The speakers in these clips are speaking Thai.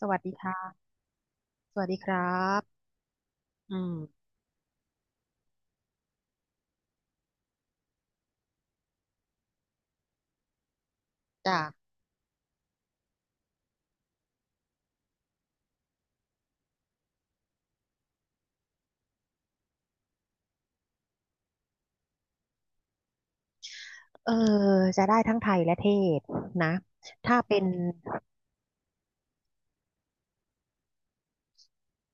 สวัสดีค่ะสวัสดีครับอืมจ้ะเออจะได้ทั้งไทยและเทศนะ ถ้าเป็น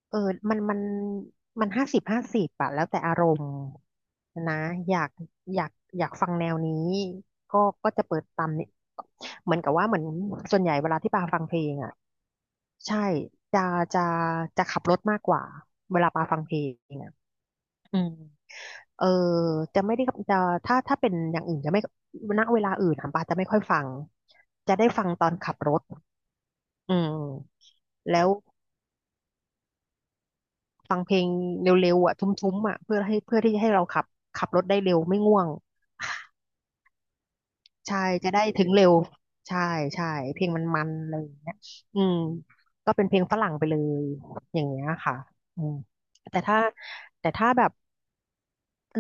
เออมันมันมัน50/50อะแล้วแต่อารมณ์นะอยากอยากอยากฟังแนวนี้ก็ก็จะเปิดตามนี้เหมือนกับว่าเหมือนส่วนใหญ่เวลาที่ปาฟังเพลงอะใช่จะจะจะขับรถมากกว่าเวลาปาฟังเพลงอะอืม เออจะไม่ได้จะถ้าเป็นอย่างอื่นจะไม่ณเวลาอื่นอะปาจะไม่ค่อยฟังจะได้ฟังตอนขับรถอืมแล้วฟังเพลงเร็วๆอ่ะทุ้มๆอ่ะเพื่อให้เพื่อที่จะให้เราขับขับรถได้เร็วไม่ง่วงใช่จะได้ถึงเร็วใช่ใช่เพลงมันมันอะไรอย่างเงี้ยอืมก็เป็นเพลงฝรั่งไปเลยอย่างเงี้ยค่ะอืมแต่ถ้าแต่ถ้าแบบ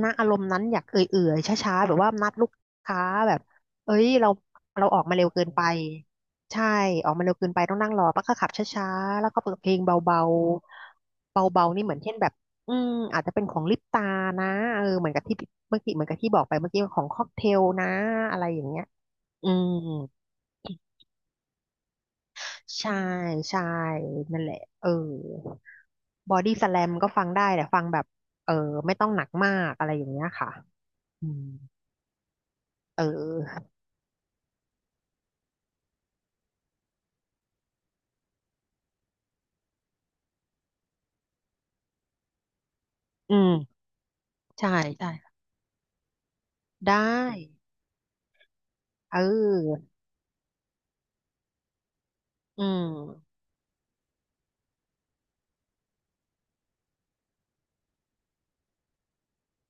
ณอารมณ์นั้นอยากเอื่อยๆช้าๆแบบว่านัดลูกค้าแบบเอ้ยเราเราออกมาเร็วเกินไปใช่ออกมาเร็วเกินไปต้องนั่งรอป้าก็ขับช้าๆแล้วก็เปิดเพลงเบาๆเบาๆนี่เหมือนเช่นแบบอืมอาจจะเป็นของลิปตานะเออเหมือนกับที่เมื่อกี้เหมือนกับที่บอกไปเมื่อกี้ของค็อกเทลนะอะไรอย่างเงี้ยอืมใช่ใช่นั่นแหละเออบอดี้สแลมก็ฟังได้แต่ฟังแบบเออไม่ต้องหนักมากอะไรอย่างเงี้ยค่ะอืมเออ อืมใช่ใช่ได้เอออืม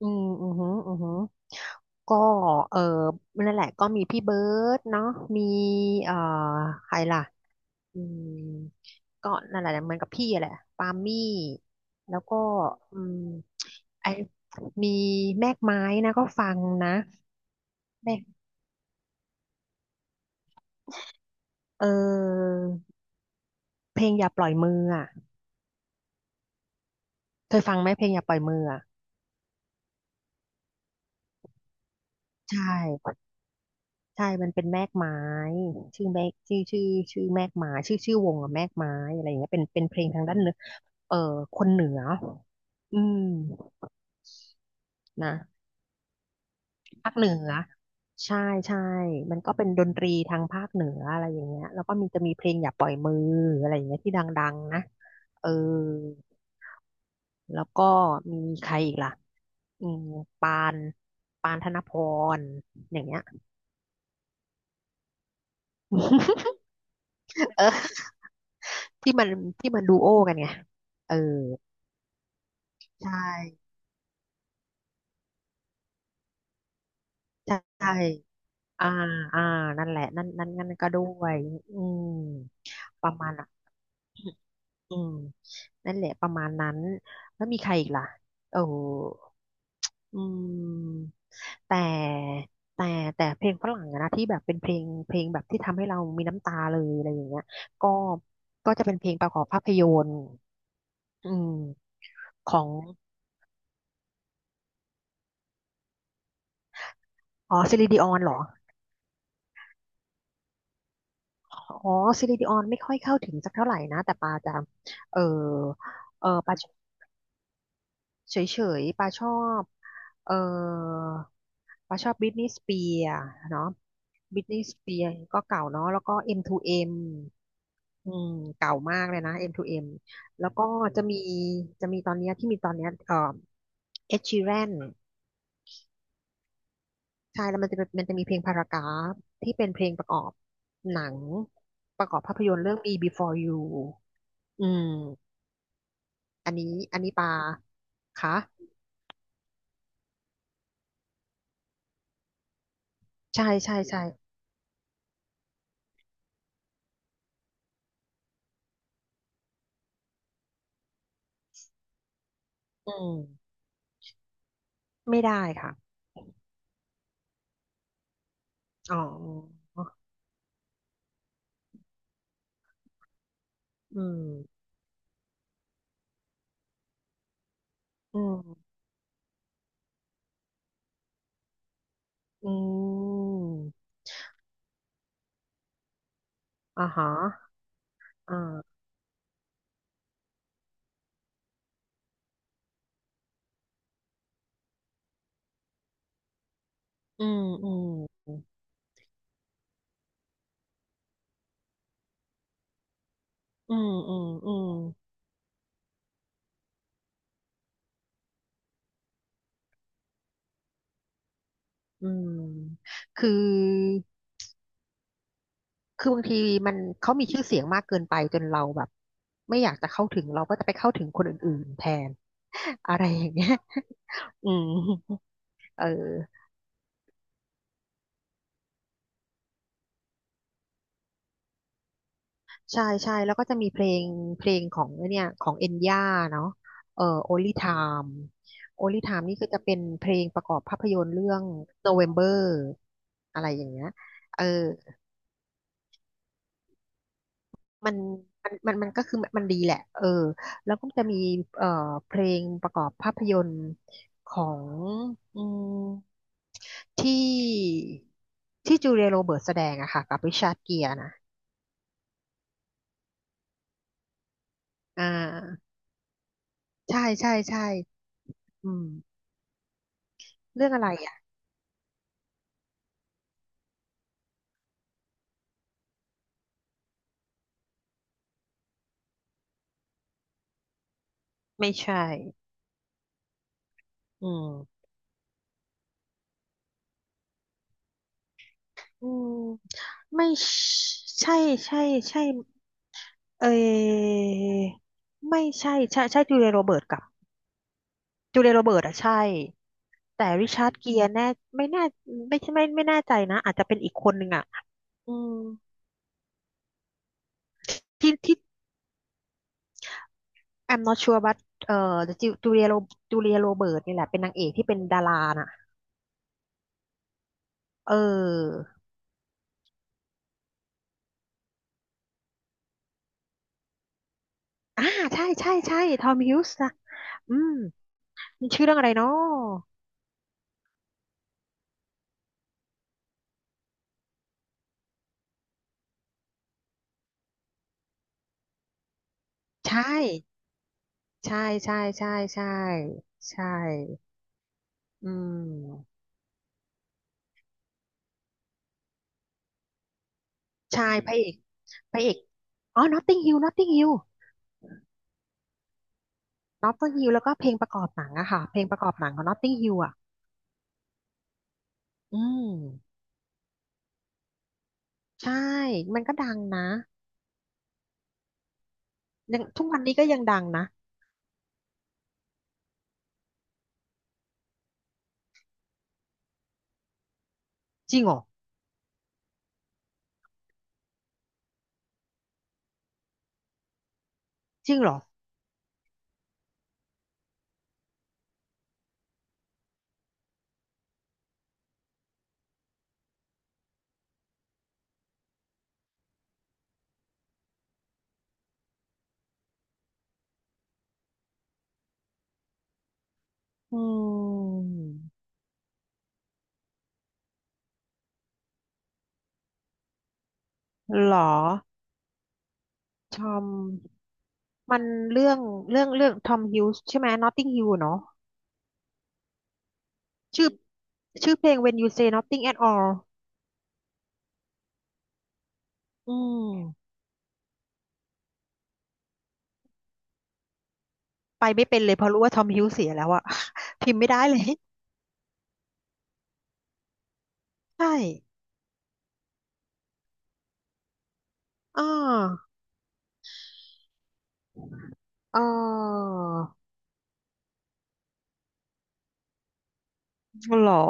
อืมอือหืออือหือก็เออนั่นแหละก็มีพี่เบิร์ดเนาะมีเอ่อใครล่ะอืมก็นั่นแหละเหมือนกับพี่แหละปามี่แล้วก็อืมไอมีแมกไม้นะก็ฟังนะแมกเออเพลงอย่าปล่อยมืออ่ะเคยฟังไหมเพลงอย่าปล่อยมืออ่ะใช่ ใช่มันเป็นแมกไม้ชื่อแมกชื่อชื่อชื่อแมกไม้ชื่อชื่อวงอะแมกไม้อะไรอย่างเงี้ยเป็นเป็นเพลงทางด้านเนื้อเออคนเหนืออืมนะภาคเหนือใช่ใช่มันก็เป็นดนตรีทางภาคเหนืออะไรอย่างเงี้ยแล้วก็มีจะมีเพลงอย่าปล่อยมืออะไรอย่างเงี้ยที่ดังๆนะเออแล้วก็มีใครอีกล่ะอืมปานปานธนพรอย่างเงี้ย เออที่มันที่มันดูโอกันไงเออใช่ ใช่อ่าอ่านั่นแหละ นั่นนั่นนั่นก็ด้วยอืมประมาณอ่ะอืมนั่นแหละประมาณนั้นแล้วมีใครอีกล่ะเอออืมแต่แต่แต่เพลงฝรั่งอะนะที่แบบเป็นเพลงเพลงแบบที่ทำให้เรามีน้ำตาเลยอะไรอย่างเงี้ยก็ก็จะเป็นเพลงประกอบภาพยนตร์อืมของ อ๋อซิลิดิออนเหรอ อ๋อซิลิดิออนไม่ค่อยเข้าถึงสักเท่าไหร่นะ แต่ปาจะเออเออปา เฉยๆปาชอบเออปาชอบบริทนีย์สเปียร์เนาะบริทนีย์สเปียร์ก็เก่าเนาะแล้วก็ M2M อมทูเอ็มอืมเก่ามากเลยนะ M2M แล้วก็จะมีจะมีตอนเนี้ยที่มีตอนเนี้ยh i r a n ใช่แล้วมันจะเป็นมันจะมีเพลงพารากราฟที่เป็นเพลงประกอบหนัง ประกอบภาพยนตร์เรื่อง Me Before You อืมอันนี้ อันนี้ปาค่ะใช่ใช่ใช่อืมไม่ได้ค่ะ อ๋ออืมอืมอืมอ่าฮะอ่าอืมอืมอืมอืมอืมอืมคือคือบางทีมันเขามีชื่อเสียงมากเกินไปจนเราแบบไม่อยากจะเข้าถึงเราก็จะไปเข้าถึงคนอื่นๆแทน อะไรอย่างเงี้ย อืมเออ ใช่ใช่แล้วก็จะมีเพลงเพลงของไอ้เนี่ยของเอ็นย่าเนาะOnly Time Only Time นี่ก็จะเป็นเพลงประกอบภาพยนตร์เรื่อง November อะไรอย่างเงี้ยเออมันมันมันมันก็คือมันดีแหละเออแล้วก็จะมีเอ่อเพลงประกอบภาพยนตร์ของอืมที่ที่จูเลียโรเบิร์ตแสดงอะค่ะกับริชาร์ดเกียร์นะอ่าใช่ใช่ใช่อืมเรื่องอะไร ไม่ใช่อืมอืมไม่ใช่ ใช่ใช่ใช่เอยไม่ใช่ใช่ใช่จูเลียโรเบิร์ตกับจูเลียโรเบิร์ตอะใช่แต่ริชาร์ดเกียร์แน่ไม่แน่ไม่ใช่ไม่ไม่แน่ใจนะอาจจะเป็นอีกคนหนึ่งอะอืมที่ที่ I'm not sure but เอ่อจูจูเลียโรจูเลียโรเบิร์ตนี่แหละเป็นนางเอกที่เป็นดาราน่ะเอออ่าใช่ใช่ใช่ทอมฮิวส์นะอืมมันชื่อเรื่องอะไรเนาะใช่ ใช่ใช่ใช่ใช่ใช่อืมใช่พระเอกพระเอกอ๋อ Notting Hill Notting Hill Notting Hill แล้วก็เพลงประกอบหนังอะค่ะเพลงประกอบหนังของ Notting Hill อะอืมใช่ มันก็ดังนะยังทุกวันนี้ก็ยังดังนะ จริงเหรอจริงเหรอ อืมเหรอทอมมันเรื่องเรื่องเรื่องทอมฮิวส์ใช่ไหม Notting Hill เนาะชื่อชื่อเพลง When You Say Nothing at All อืม ไปไม่เป็นเลยเพราะรู้ว่าทอมฮิวส์เสียแล้วอะ พิมพ์ไม่ได้เลย ใช่อ่าอ่าหรอ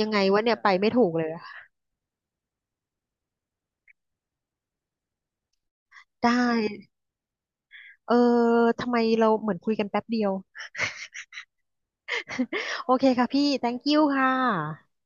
ยังไงวะเนี่ยไปไม่ถูกเลยอะได้เออทำไมเราเหมือนคุยกันแป๊บเดียวโอเคค่ะพี่ thank you ค่ะ